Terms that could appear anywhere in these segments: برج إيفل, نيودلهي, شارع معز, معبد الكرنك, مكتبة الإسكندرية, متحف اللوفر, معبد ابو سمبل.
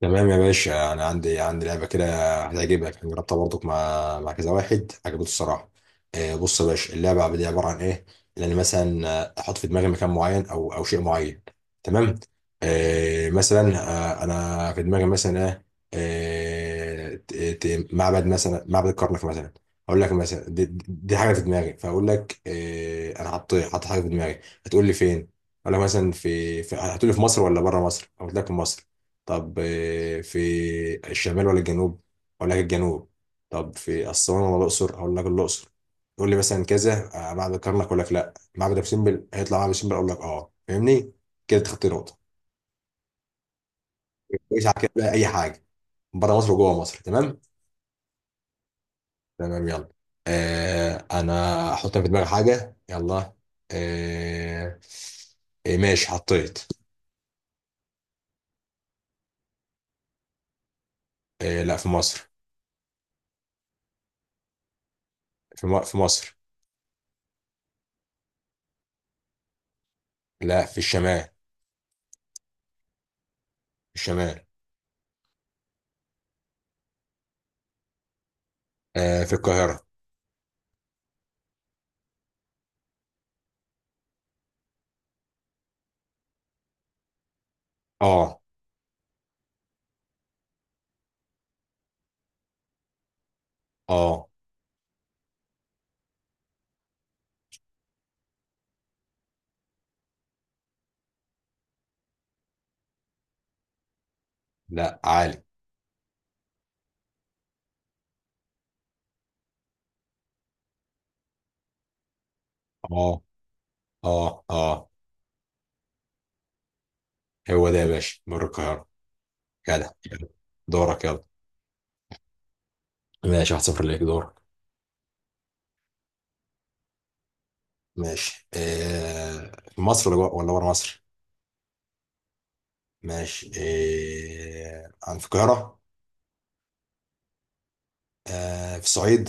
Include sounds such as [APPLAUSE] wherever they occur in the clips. تمام يا باشا. انا عندي لعبه كده هتعجبك، انا جربتها برضك مع كذا واحد، عجبته الصراحه. بص يا باشا، اللعبه دي عباره عن ايه. ان انا مثلا احط في دماغي مكان معين او شيء معين. تمام. مثلا، انا في دماغي مثلا ايه. معبد مثلا، معبد الكرنك مثلا. اقول لك مثلا دي حاجه في دماغي، فاقول لك انا حط حاجه في دماغي. هتقول لي فين؟ اقول لك مثلا في, في هتقول لي في مصر ولا بره مصر، اقول لك في مصر. طب في الشمال ولا الجنوب؟ اقول لك الجنوب. طب في اسوان ولا الاقصر؟ اقول لك الاقصر. تقول لي مثلا كذا معبد الكرنك، اقول لك لا، معبد ابو سمبل. هيطلع معبد ابو سمبل، اقول لك اه، فاهمني؟ كده تخطي نقطه. كويس. على كده بقى اي حاجه، بره مصر وجوه مصر. تمام. تمام يلا. انا احط في دماغي حاجه، يلا. آه. ماشي، حطيت. آه لا، في مصر. في مصر. لا، في الشمال. في الشمال. آه، في القاهره. اه. اه. لا، عالي. اه. اه. اه، هو ده يا باشا، مر القاهرة. جدع، يلا. دورك يلا. ماشي، 1-0 ليك. دورك. ماشي في مصر ولا بره مصر؟ ماشي عن في القاهرة. في الصعيد.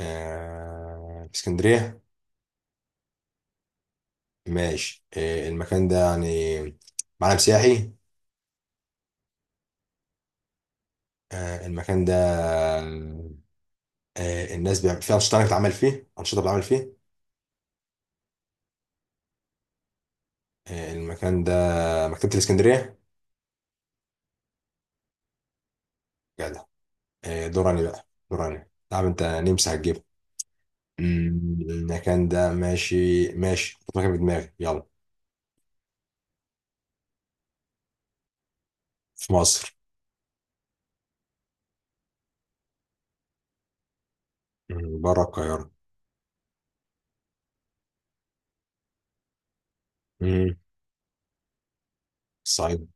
في اسكندرية. ماشي، المكان ده يعني معلم سياحي. المكان ده الناس بيعمل فيه أنشطة، أنا بتعمل فيه أنشطة، بتعمل فيه. المكان ده مكتبة الإسكندرية. جدع. دور علي بقى، دور علي، تعب انت، نمسح الجبل. المكان ده ماشي. ماشي، حط مكان في دماغي يلا. في مصر. بره القاهرة. مم، الصعيد.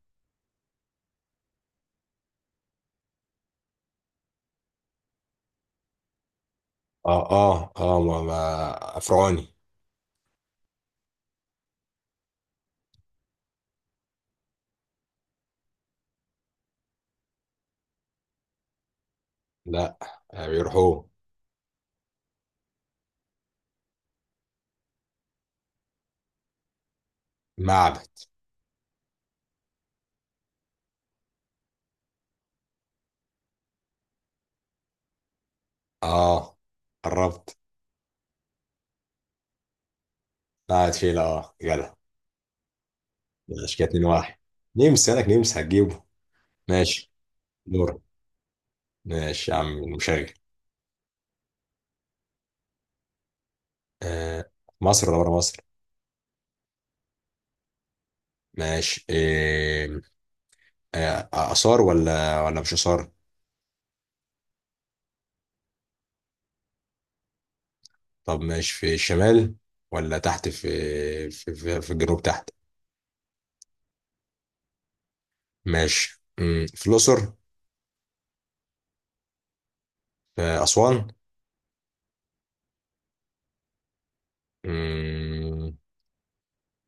اه. اه. اه ما فرعوني. لا. بيروحوا. معبد. اه، قربت. قاعد فيلا، اه، جدع. ماشي كده 2-1. نمسح لك، نمسح، هتجيبه. ماشي. دور. ماشي يا عم المشغل. آه مصر ولا بره مصر؟ ماشي. آثار ولا مش آثار؟ طب ماشي، في الشمال ولا تحت؟ في الجنوب تحت. ماشي، في الأقصر؟ في أسوان؟ مم،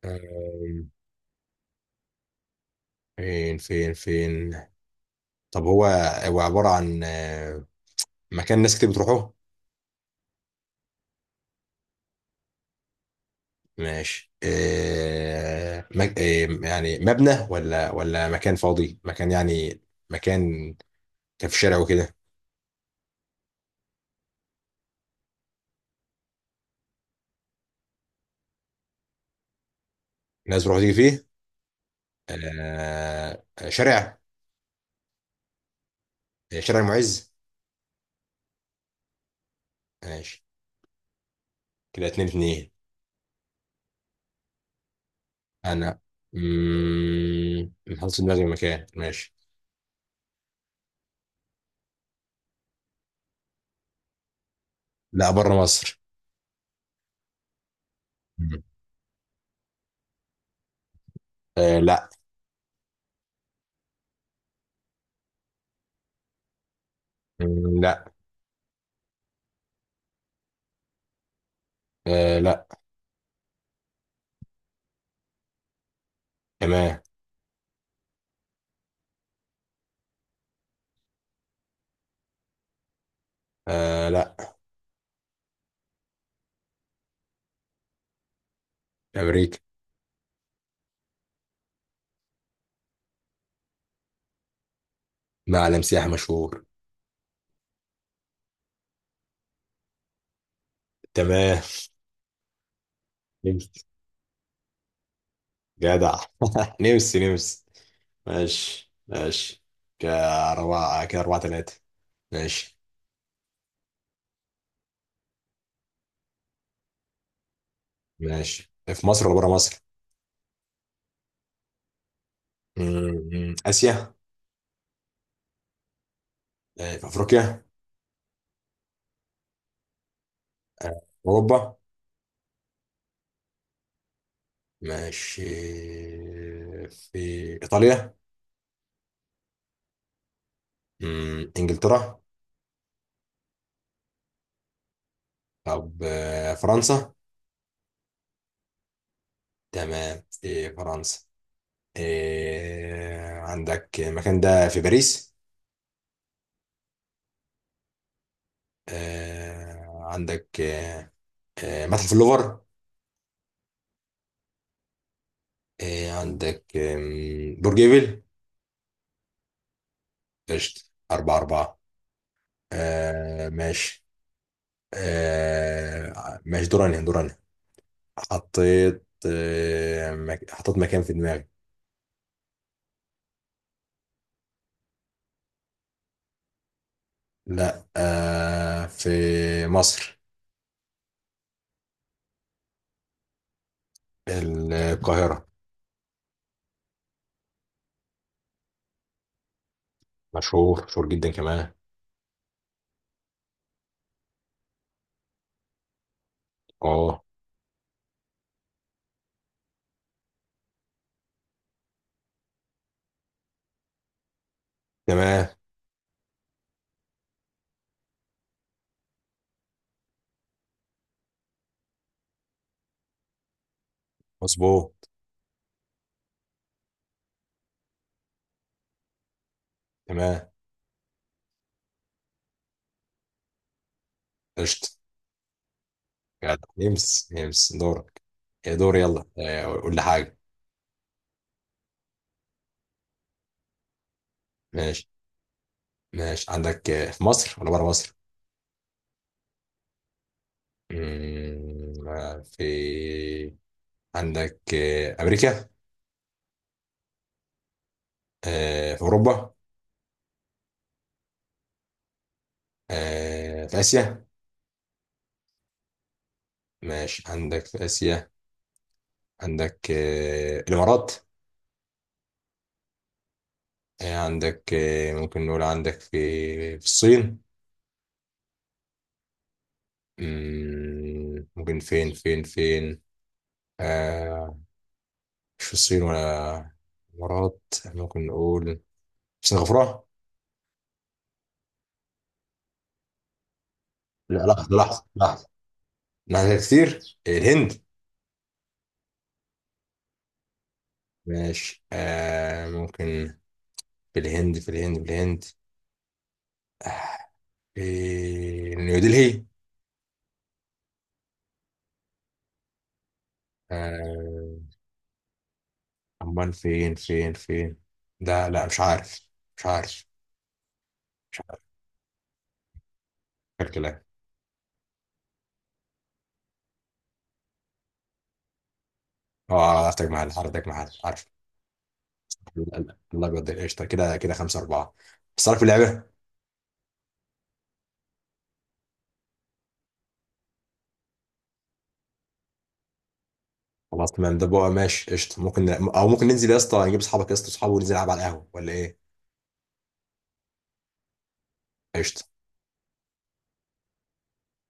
آم، فين فين فين؟ طب هو عبارة عن مكان ناس كتير بتروحوه؟ ماشي يعني مبنى ولا مكان فاضي، مكان يعني، مكان كان في شارع وكده؟ الناس بتروح تيجي فيه. شارع. شارع معز. ماشي كده 2-2. انا محطوط دماغي مكان. ماشي. لا، بره مصر. مم. آه لا. لا. آه لا. تمام. آه لا. امريكا. معلم سياحي مشهور. تمام. نمس. جدع. [LAUGHS] نمس نمس. ماشي ماشي. كأربعة كده، 4-3. ماشي. ماشي، في مصر ولا بره مصر؟ آسيا؟ في أفريقيا؟ آه، أوروبا. ماشي، في إيطاليا؟ إنجلترا؟ طب فرنسا. تمام، في فرنسا. عندك المكان ده في باريس. آه، عندك آه، آه، متحف اللوفر. آه، عندك آم، برج إيفل. قشطة. 4-4. ماشي. ماشي، دوراني دوراني. حطيت حطيت مكان في دماغي. لا، في مصر. القاهرة. مشهور، مشهور جدا كمان. اه. تمام. مظبوط. تمام. قشطة. جدع. يمس يمس دورك. يا دور يلا قول لي حاجة. ماشي. ماشي عندك في مصر ولا بره مصر؟ مم، آه، في عندك أمريكا؟ في أوروبا؟ في آسيا. ماشي، عندك في آسيا. عندك الإمارات؟ إيه عندك، إيه ممكن نقول؟ عندك في في الصين؟ ممكن، فين فين فين؟ آه، مش في الصين ولا الإمارات. ممكن نقول سنغافورة؟ لا، لحظة لحظة لحظة لحظة كتير. الهند. ماشي، آه ممكن في الهند، في الهند، في الهند، في نيودلهي؟ آه، أمال فين فين فين؟ ده لا، مش عارف. مش عارف. مش عارف الكلام. اه، حضرتك محل، حضرتك محل عارف. الله يقدر. قشطه. كده كده 5-4. بس عارف اللعبه. خلاص تمام. ده بقى ماشي، قشطه. ممكن ممكن ننزل يا اسطى، نجيب اصحابك يا اسطى، اصحابه، وننزل نلعب على القهوه، ولا ايه؟ قشطه.